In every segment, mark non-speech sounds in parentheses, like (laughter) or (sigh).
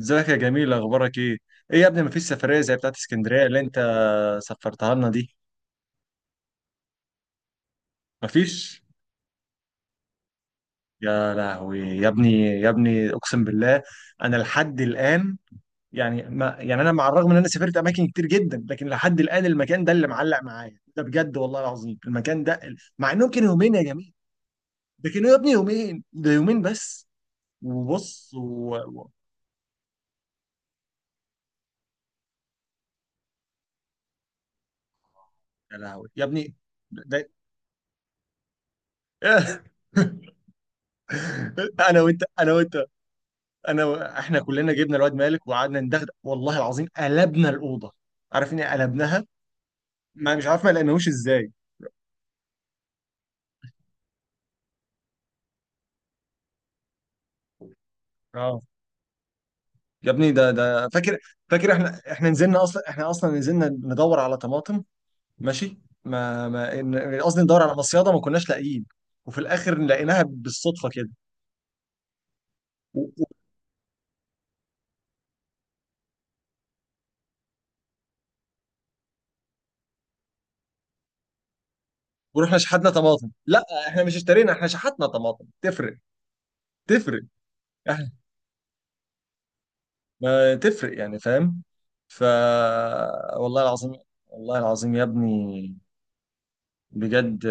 ازيك يا جميل؟ اخبارك ايه؟ ايه يا ابني، مفيش سفريه زي بتاعت اسكندريه اللي انت سفرتها لنا دي. مفيش. يا لهوي يا ابني، اقسم بالله انا لحد الان، يعني ما يعني انا مع الرغم ان انا سافرت اماكن كتير جدا، لكن لحد الان المكان ده اللي معلق معايا ده، بجد والله العظيم المكان ده مع انهم كانوا يومين يا جميل. ده كانوا يا ابني يومين، ده يومين بس. وبص يا لهوي يا ابني، ده... (laughs) انا وانت احنا كلنا جبنا الواد مالك وقعدنا ندغدغ، والله العظيم قلبنا الاوضه. عارف اني قلبناها. ما مش عارف ما لقيناهوش ازاي. اه يا ابني ده فاكر. فاكر احنا نزلنا اصلا، احنا اصلا نزلنا ندور على طماطم. ماشي. ما ما إن- قصدي ندور على مصيده ما كناش لاقيين، وفي الاخر لقيناها بالصدفه كده. و- و- ورحنا شحتنا طماطم، لا احنا مش اشترينا، احنا شحتنا طماطم. تفرق. تفرق. ما تفرق يعني، فاهم؟ ف والله العظيم، والله العظيم يا ابني، بجد.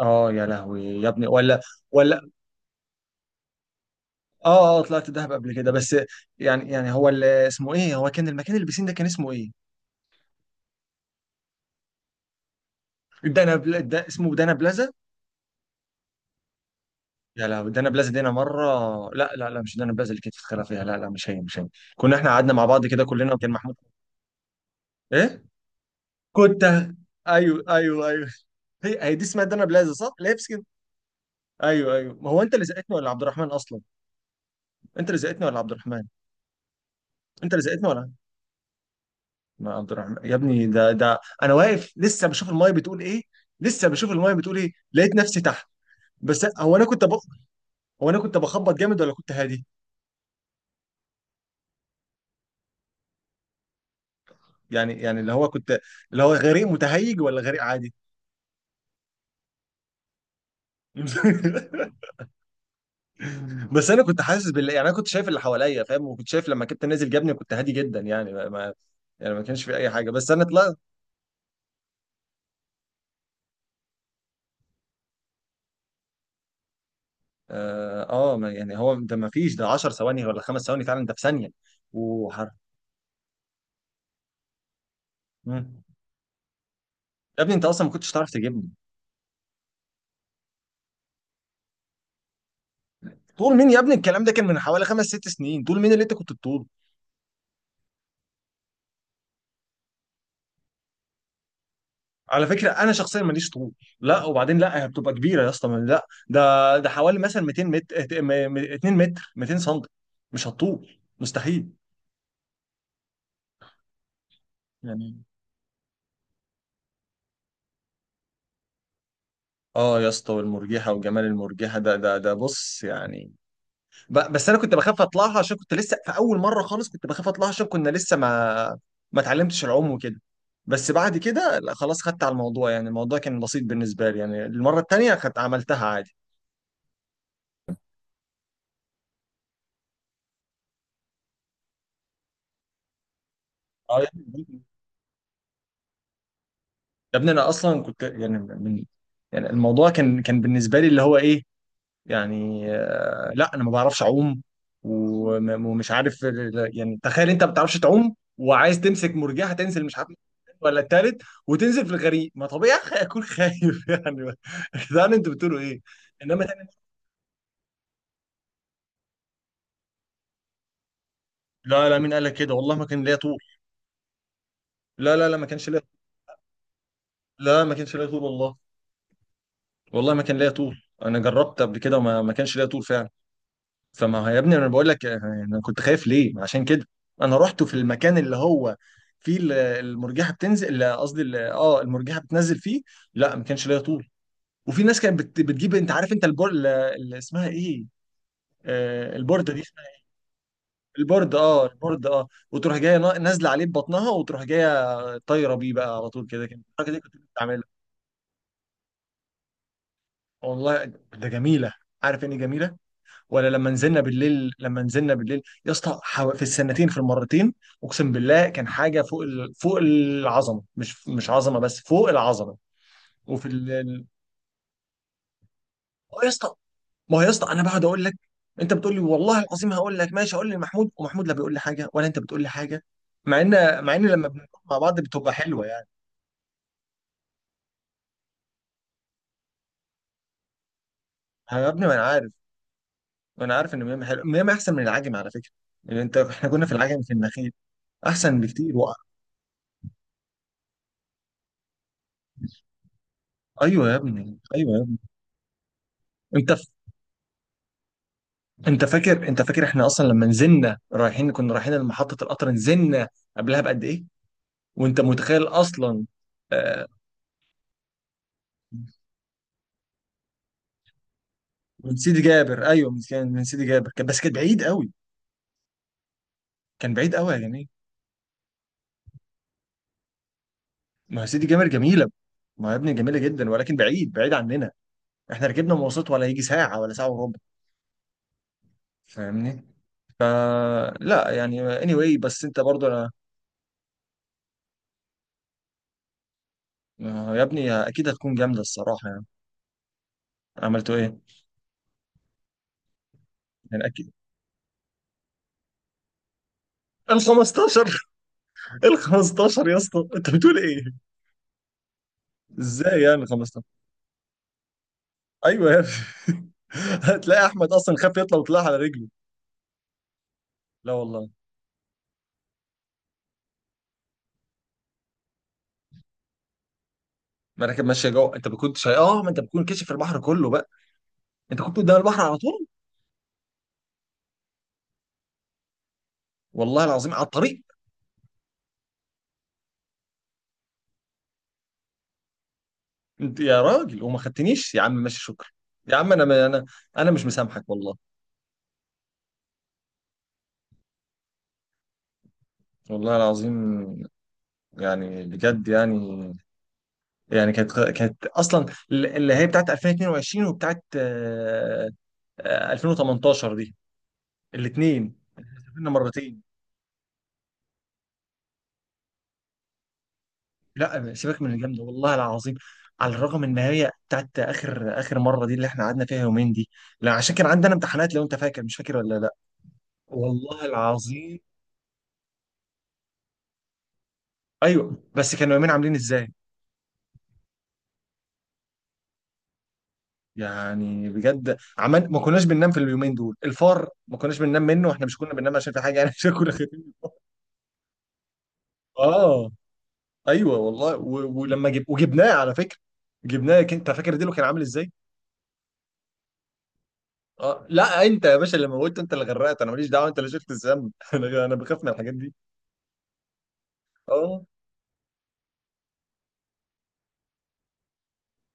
اه يا لهوي يا ابني. ولا. ولا. اه اه، طلعت دهب قبل كده بس. يعني هو اللي اسمه ايه، هو كان المكان اللي بيسين ده كان اسمه ايه؟ دانا بلا دا اسمه دانا بلازا. يا لهوي دانا بلازا دي انا مره. لا لا لا، مش دانا بلازا اللي كانت في الخلا فيها، لا لا، مش هي مش هي. كنا احنا قعدنا مع بعض كده كلنا، وكان محمود. ايه؟ كنت. ايوه ايوه ايوه، هي هي دي اسمها دانا بلازا، صح؟ اللي هي في. ايوه ايوه، ما هو انت اللي زقتني ولا عبد الرحمن اصلا؟ انت اللي زقتني ولا عبد الرحمن؟ انت اللي زقتني ولا؟ ما عبد الرحمن يا ابني، ده انا واقف لسه بشوف المايه بتقول ايه، لسه بشوف المايه بتقول ايه لقيت نفسي تحت. بس هو انا كنت ب... هو انا كنت بخبط جامد ولا كنت هادي؟ يعني يعني اللي هو كنت اللي هو غريق متهيج ولا غريق عادي؟ (laughs) بس انا كنت حاسس بال، يعني انا كنت شايف اللي حواليا فاهم، وكنت شايف لما كنت نازل جبني كنت هادي جدا، يعني ما كانش في اي حاجه، بس انا طلعت. اه يعني هو ده ما فيش ده 10 ثواني ولا خمس ثواني، فعلا ده في ثانيه. وحر. مم. يا ابني انت اصلا ما كنتش تعرف تجيبني. طول مين يا ابني، الكلام ده كان من حوالي خمس ست سنين، طول مين اللي انت كنت بتطوله؟ على فكره انا شخصيا ماليش طول. لا وبعدين لا، هي بتبقى كبيره يا اسطى، لا ده حوالي مثلا 200 متر، 2 متر، 200 سم. مش هتطول، مستحيل. يعني. اه يا اسطى، والمرجحه وجمال المرجحه، ده بص يعني، بس انا كنت بخاف اطلعها عشان كنت لسه في اول مره خالص، كنت بخاف اطلعها عشان كنا لسه ما اتعلمتش العوم وكده. بس بعد كده لا خلاص، خدت على الموضوع، يعني الموضوع كان بسيط بالنسبه لي، يعني المره التانيه خدت عملتها عادي. اه يا ابني، يا ابني انا اصلا كنت يعني من، يعني الموضوع كان بالنسبه لي اللي هو ايه، يعني آه، لا انا ما بعرفش اعوم، ومش عارف يعني تخيل انت ما بتعرفش تعوم وعايز تمسك مرجحة تنزل، مش عارف ولا التالت، وتنزل في الغريق، ما طبيعي (laughs) اكون خايف. (laughs) يعني يا جدعان انتوا بتقولوا ايه؟ انما تاني، لا لا، مين قال لك كده؟ والله ما كان ليا طول. لا لا لا، ما كانش ليا. لا ما كانش ليا طول والله، والله ما كان ليا طول، انا جربت قبل كده ما كانش ليا طول فعلا. هو يا ابني انا بقول لك آه، انا كنت خايف ليه عشان كده. انا رحت في المكان اللي هو فيه المرجحه بتنزل، اللي قصدي اه المرجحه بتنزل فيه، لا ما كانش ليا طول. وفي ناس كانت بتجيب، انت عارف انت البور اللي اسمها ايه، آه البورده دي اسمها إيه؟ البورد، اه البورد، اه، وتروح جايه نازله عليه ببطنها وتروح جايه طايره بيه بقى على طول كده، كده الحركه دي كنت بعملها. والله ده جميله، عارف يعني إيه جميله؟ ولا لما نزلنا بالليل، لما نزلنا بالليل يا اسطى، في السنتين في المرتين، اقسم بالله كان حاجه فوق فوق العظمه، مش مش عظمه بس، فوق العظمه. وفي اه يا اسطى. ما هو يا اسطى انا بقعد اقول لك، انت بتقول لي والله العظيم هقول لك ماشي، اقول لمحمود، ومحمود لا بيقول لي حاجه ولا انت بتقول لي حاجه، مع ان لما بنكون مع بعض بتبقى حلوه يعني. يا ابني ما انا عارف، ما انا عارف ان ميامي حلوه، ميامي احسن من العجم على فكره. يعني انت احنا كنا في العجم في النخيل. احسن بكتير ايوه يا ابني، ايوه يا ابني. انت انت انت فاكر احنا اصلا لما نزلنا رايحين كنا رايحين لمحطة القطر، نزلنا قبلها بقد ايه، وانت متخيل اصلا. آه، من سيدي جابر، ايوه من سيدي، من سيدي جابر كان، بس كان بعيد قوي، كان بعيد قوي يا جميل. ما هو سيدي جابر جميلة، ما هو يا ابني جميلة جدا، ولكن بعيد بعيد عننا، احنا ركبنا مواصلات ولا يجي ساعة ولا ساعة وربع، فاهمني؟ فلا يعني anyway، بس انت برضو انا آه، يا ابني اكيد هتكون جامدة الصراحة يعني. عملتوا ايه؟ يعني اكيد. ال 15. ال 15 يا اسطى انت بتقول ايه؟ ازاي يعني 15؟ ايوه يا ابني. (laughs) هتلاقي احمد اصلا خاف يطلع وطلع على رجله. لا والله. ما انا كان ماشيه جوه، انت ما كنتش، اه ما انت بتكون كشف البحر كله بقى، انت كنت قدام البحر على طول. والله العظيم، على الطريق. انت يا راجل وما خدتنيش يا عم، ماشي شكرا. يا عم انا انا، انا مش مسامحك والله. والله العظيم، يعني بجد يعني، يعني كانت اصلا اللي هي بتاعت 2022، وبتاعت آه، آه، 2018 دي، الاثنين، كسبنا مرتين. لا سيبك من الجامده والله العظيم. على الرغم ان هي بتاعت اخر مره دي اللي احنا قعدنا فيها يومين دي. لا عشان كان عندنا امتحانات، لو انت فاكر مش فاكر ولا لا. والله العظيم. ايوه بس كانوا يومين عاملين ازاي، يعني بجد عمل؟ ما كناش بننام في اليومين دول، الفار ما كناش بننام منه، واحنا مش كنا بننام عشان في حاجه يعني، عشان كنا خايفين من الفار. اه، ايوه والله ولما وجبناه على فكره، جبناه، انت فاكر ديلو كان عامل ازاي؟ اه لا، انت يا باشا اللي موته، انت اللي غرقت، انا ماليش دعوه، انت اللي شفت الذنب (laughs) انا انا بخاف من الحاجات دي. اه.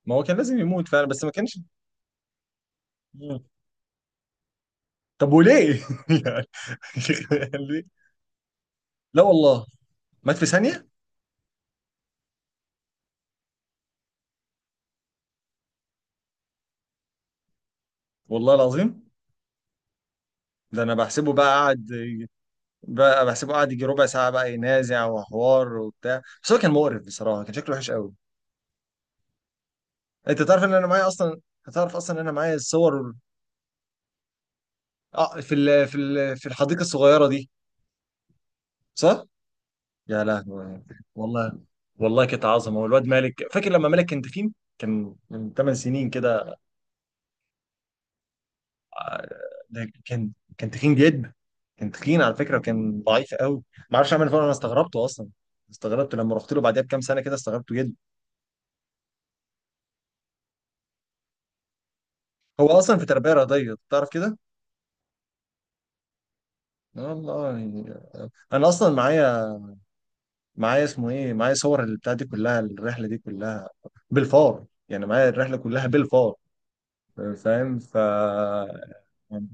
ما هو كان لازم يموت فعلا، بس ما كانش (laughs) مم. طب وليه؟ (laughs) يعني ليه؟ لا والله، مات في ثانيه. والله العظيم، ده انا بحسبه بقى قاعد، بقى بحسبه قاعد يجي ربع ساعه بقى ينازع وحوار وبتاع، بس هو كان مقرف بصراحه، كان شكله وحش قوي. انت تعرف ان انا معايا اصلا، هتعرف اصلا ان انا معايا الصور. اه في في الحديقه الصغيره دي. صح؟ يا لهوي، والله، والله كانت عظمه. والواد مالك، فاكر لما مالك كان تخين، كان من 8 سنين كده. آه، ده كان، كان تخين جدا، كان تخين على فكره، وكان ضعيف قوي. ما اعرفش اعمل فورمه، انا استغربته اصلا، استغربته لما رحت له بعدها بكام سنه كده، استغربته جدا. هو اصلا في تربيه رياضيه تعرف كده. والله يعني. انا اصلا معايا، معايا اسمه ايه معايا صور البتاع دي كلها، الرحله دي كلها بالفار، يعني معايا الرحله كلها بالفار، فاهم؟ يعني،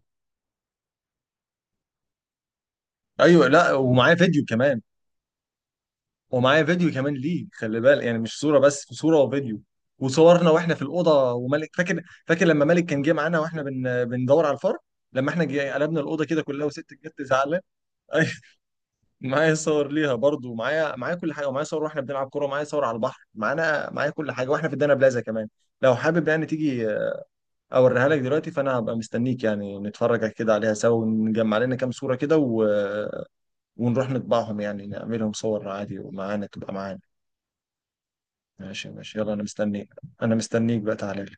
ايوه لا، ومعايا فيديو كمان، ومعايا فيديو كمان ليه، خلي بالك يعني، مش صوره بس، صوره وفيديو، وصورنا واحنا في الاوضه، ومالك فاكر، فاكر لما مالك كان جه معانا واحنا بندور على الفرق، لما احنا قلبنا الاوضه كده كلها، وست جت زعلان (laughs) ايوه. معايا صور ليها برضو، معايا، معايا كل حاجه، ومعايا صور واحنا بنلعب كوره، ومعايا صور على البحر معانا، معايا كل حاجه واحنا في الدانا بلازا كمان. لو حابب يعني تيجي اوريها لك دلوقتي، فانا هبقى مستنيك يعني، نتفرج كده عليها سوا، ونجمع لنا كام صوره كده ونروح نطبعهم، يعني نعملهم صور عادي، ومعانا تبقى معانا. ماشي ماشي يلا، انا مستنيك، انا مستنيك بقى تعالى لي.